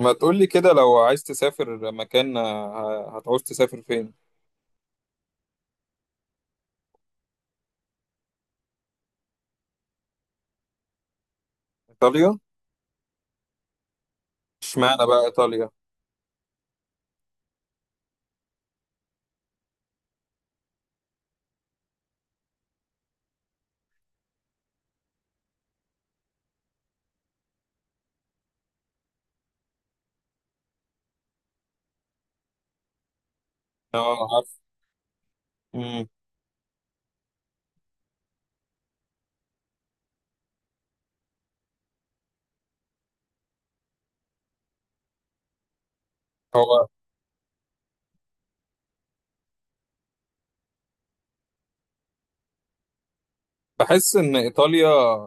ما تقولي كده، لو عايز تسافر مكان، هتعوز تسافر فين؟ ايطاليا؟ اشمعنى بقى ايطاليا؟ اه، عارف. مم. هو بحس ان ايطاليا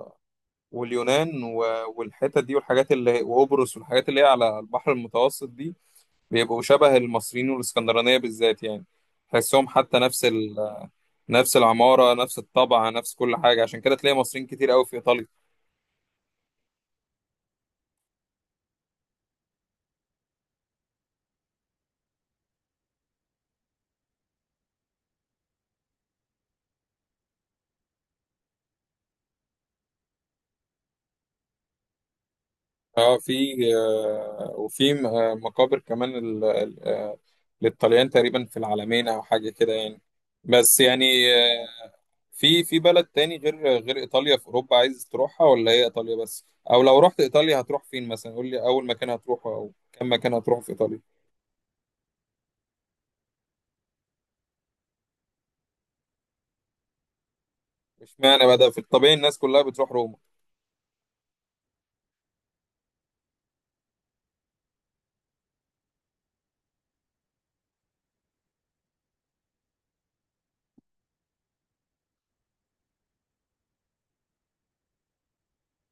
واليونان والحتت دي والحاجات اللي وقبرص والحاجات اللي هي على البحر المتوسط دي، بيبقوا شبه المصريين والاسكندرانية بالذات يعني. تحسهم حتى نفس نفس العمارة، نفس الطبع، نفس كل حاجة. عشان كده تلاقي مصريين كتير قوي في ايطاليا. اه، في وفي مقابر كمان للطليان تقريبا في العالمين او حاجه كده يعني. بس يعني آه، في بلد تاني غير ايطاليا في اوروبا، عايز تروحها ولا هي ايطاليا بس؟ او لو رحت ايطاليا هتروح فين مثلا؟ قول لي اول مكان هتروحه او كم مكان هتروحه في ايطاليا. اشمعنى بقى ده؟ في الطبيعي الناس كلها بتروح روما.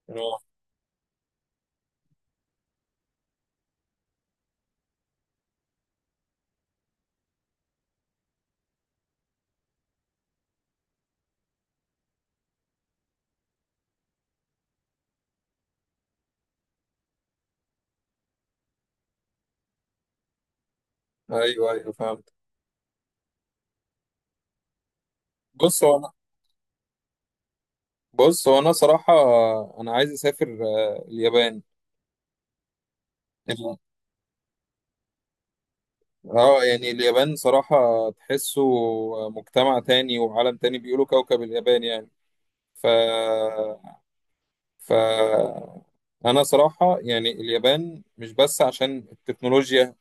اه، ايوه ايوه فهمت. بص هو انا بص هو انا صراحه، انا عايز اسافر اليابان. اه، يعني اليابان صراحة، تحسه مجتمع تاني وعالم تاني، بيقولوا كوكب اليابان يعني. ف ف انا صراحة، يعني اليابان مش بس عشان التكنولوجيا.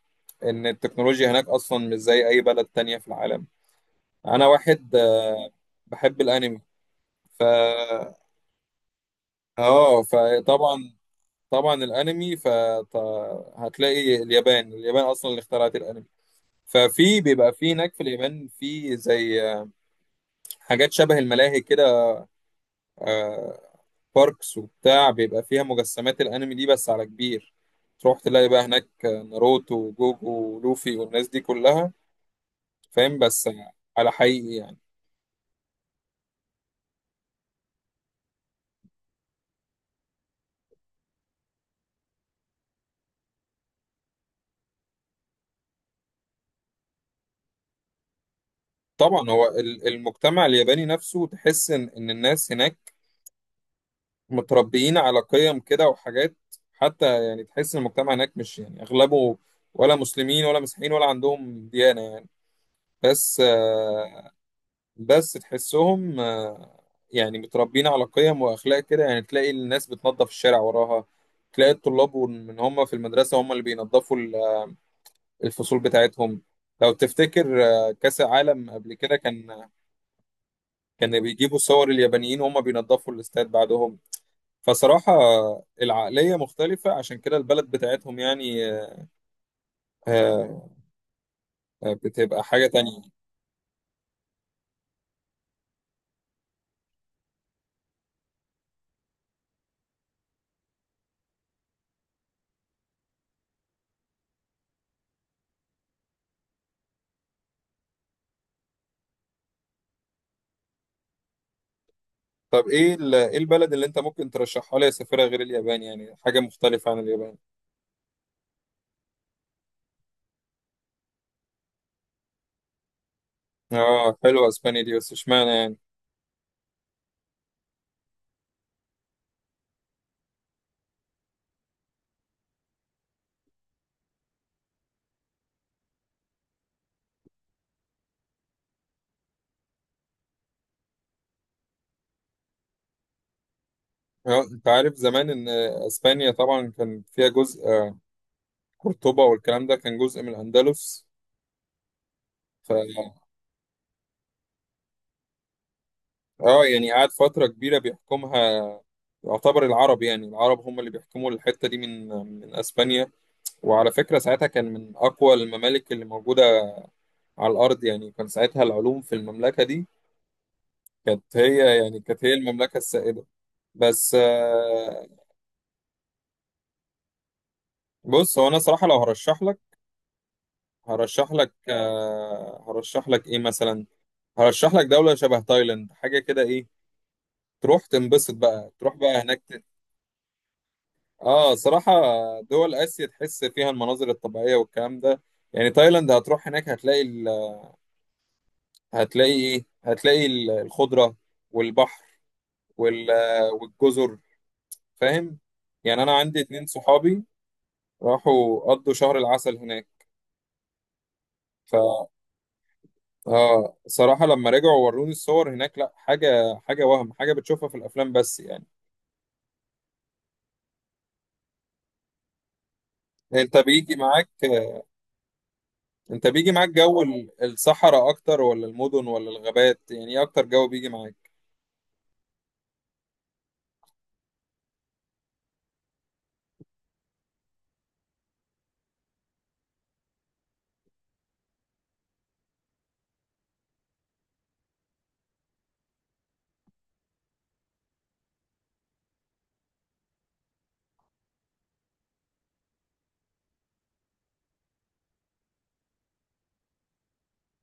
ان التكنولوجيا هناك اصلا مش زي اي بلد تانية في العالم. انا واحد بحب الانمي. ف اه، فطبعا طبعا الانمي، فهتلاقي اليابان اصلا اللي اخترعت الانمي. ففي بيبقى في هناك في اليابان في زي حاجات شبه الملاهي كده، آه، باركس وبتاع، بيبقى فيها مجسمات الانمي دي بس على كبير. تروح تلاقي بقى هناك ناروتو وجوجو ولوفي والناس دي كلها، فاهم؟ بس على حقيقي يعني. طبعا، هو المجتمع الياباني نفسه، تحس ان الناس هناك متربيين على قيم كده وحاجات. حتى يعني تحس ان المجتمع هناك مش يعني اغلبه، ولا مسلمين ولا مسيحيين ولا عندهم ديانة يعني. بس بس تحسهم يعني متربيين على قيم واخلاق كده. يعني تلاقي الناس بتنظف الشارع وراها، تلاقي الطلاب من هم في المدرسه هم اللي بينظفوا الفصول بتاعتهم. لو تفتكر كاس العالم قبل كده، كان بيجيبوا صور اليابانيين وهم بينظفوا الاستاد بعدهم. فصراحه العقليه مختلفه، عشان كده البلد بتاعتهم يعني آه، بتبقى حاجه تانية. طب ايه إيه البلد اللي انت ممكن ترشحها لي اسافرها غير اليابان؟ يعني حاجه مختلفه عن اليابان. اه، حلوة اسبانيا دي، بس اشمعنى يعني؟ انت عارف زمان ان اسبانيا طبعا كان فيها جزء، قرطبة والكلام ده، كان جزء من الاندلس. ف اه، يعني قعد فترة كبيرة بيحكمها، يعتبر العرب. يعني العرب هم اللي بيحكموا الحتة دي من اسبانيا. وعلى فكرة ساعتها كان من اقوى الممالك اللي موجودة على الارض يعني. كان ساعتها العلوم في المملكة دي، كانت هي المملكة السائدة. بس بص هو انا صراحة، لو هرشح لك ايه مثلا؟ هرشح لك دولة شبه تايلاند حاجة كده. ايه، تروح تنبسط بقى، تروح بقى هناك اه، صراحة دول آسيا تحس فيها المناظر الطبيعية والكلام ده. يعني تايلاند هتروح هناك هتلاقي هتلاقي ايه، هتلاقي الخضرة والبحر وال... والجزر، فاهم؟ يعني انا عندي اتنين صحابي راحوا قضوا شهر العسل هناك. اه، صراحة لما رجعوا وروني الصور هناك، لا حاجة حاجة، وهم حاجة بتشوفها في الأفلام بس يعني. انت بيجي معاك انت بيجي معاك جو الصحراء اكتر، ولا المدن ولا الغابات؟ يعني ايه اكتر جو بيجي معاك؟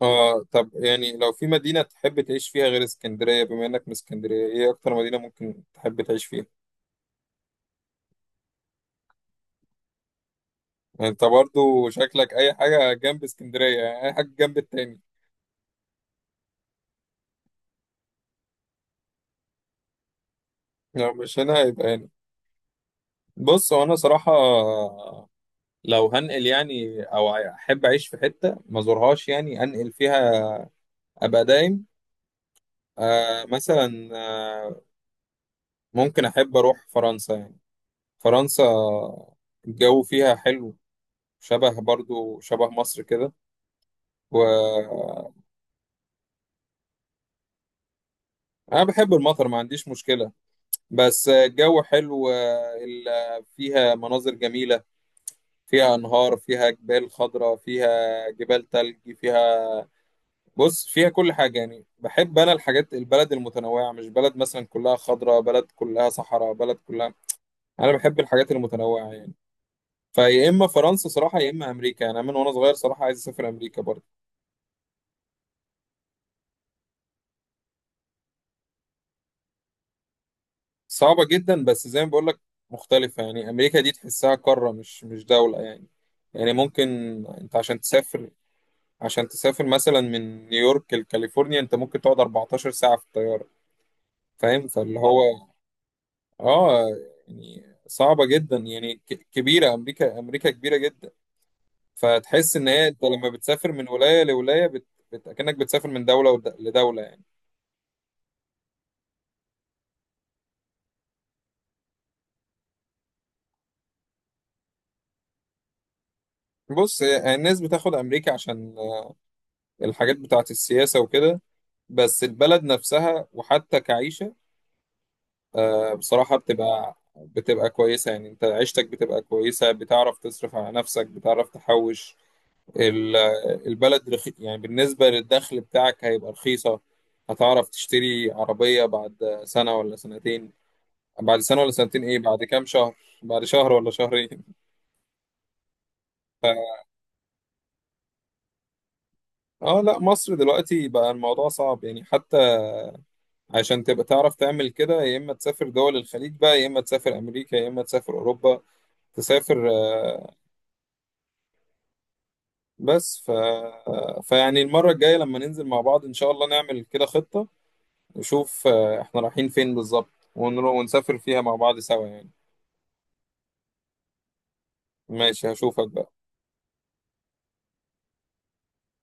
اه، طب يعني لو في مدينة تحب تعيش فيها غير اسكندرية، بما انك من اسكندرية، ايه اكتر مدينة ممكن تحب تعيش فيها؟ يعني انت برضو شكلك اي حاجة جنب اسكندرية، يعني اي حاجة جنب التاني. لو مش هنا يبقى هنا. بص هو انا صراحة، لو هنقل يعني، او احب اعيش في حته ما زورهاش يعني، انقل فيها ابقى دايم. آه مثلا، آه ممكن احب اروح فرنسا يعني. فرنسا الجو فيها حلو، شبه برضو شبه مصر كده. و انا بحب المطر، ما عنديش مشكله. بس الجو حلو، فيها مناظر جميله، فيها انهار، فيها جبال خضراء، فيها جبال تلج فيها. بص فيها كل حاجة يعني. بحب أنا الحاجات البلد المتنوعة، مش بلد مثلا كلها خضراء، بلد كلها صحراء، بلد كلها. أنا بحب الحاجات المتنوعة يعني. فيا إما فرنسا صراحة يا إما أمريكا يعني. أنا من وأنا صغير صراحة عايز أسافر أمريكا برضه. صعبة جدا، بس زي ما بقول لك مختلفة يعني. أمريكا دي تحسها قارة، مش دولة يعني. يعني ممكن أنت عشان تسافر عشان تسافر مثلا من نيويورك لكاليفورنيا، أنت ممكن تقعد 14 ساعة في الطيارة، فاهم؟ فاللي هو اه، يعني صعبة جدا يعني، كبيرة أمريكا كبيرة جدا. فتحس إن هي أنت لما بتسافر من ولاية لولاية، كأنك بتسافر من دولة لدولة يعني. بص الناس بتاخد أمريكا عشان الحاجات بتاعة السياسة وكده. بس البلد نفسها، وحتى كعيشة، بصراحة، بتبقى كويسة، يعني أنت عيشتك بتبقى كويسة، بتعرف تصرف على نفسك، بتعرف تحوش. ال- البلد يعني بالنسبة للدخل بتاعك هيبقى رخيصة. هتعرف تشتري عربية بعد سنة ولا سنتين، بعد سنة ولا سنتين، ايه، بعد كام شهر، بعد شهر ولا شهرين. اه لا، مصر دلوقتي بقى الموضوع صعب يعني. حتى عشان تبقى تعرف تعمل كده، يا اما تسافر دول الخليج بقى، يا اما تسافر امريكا، يا اما تسافر اوروبا. تسافر آه، بس فيعني المرة الجاية لما ننزل مع بعض ان شاء الله نعمل كده خطة، نشوف احنا رايحين فين بالظبط، ونسافر فيها مع بعض سوا يعني. ماشي، هشوفك بقى.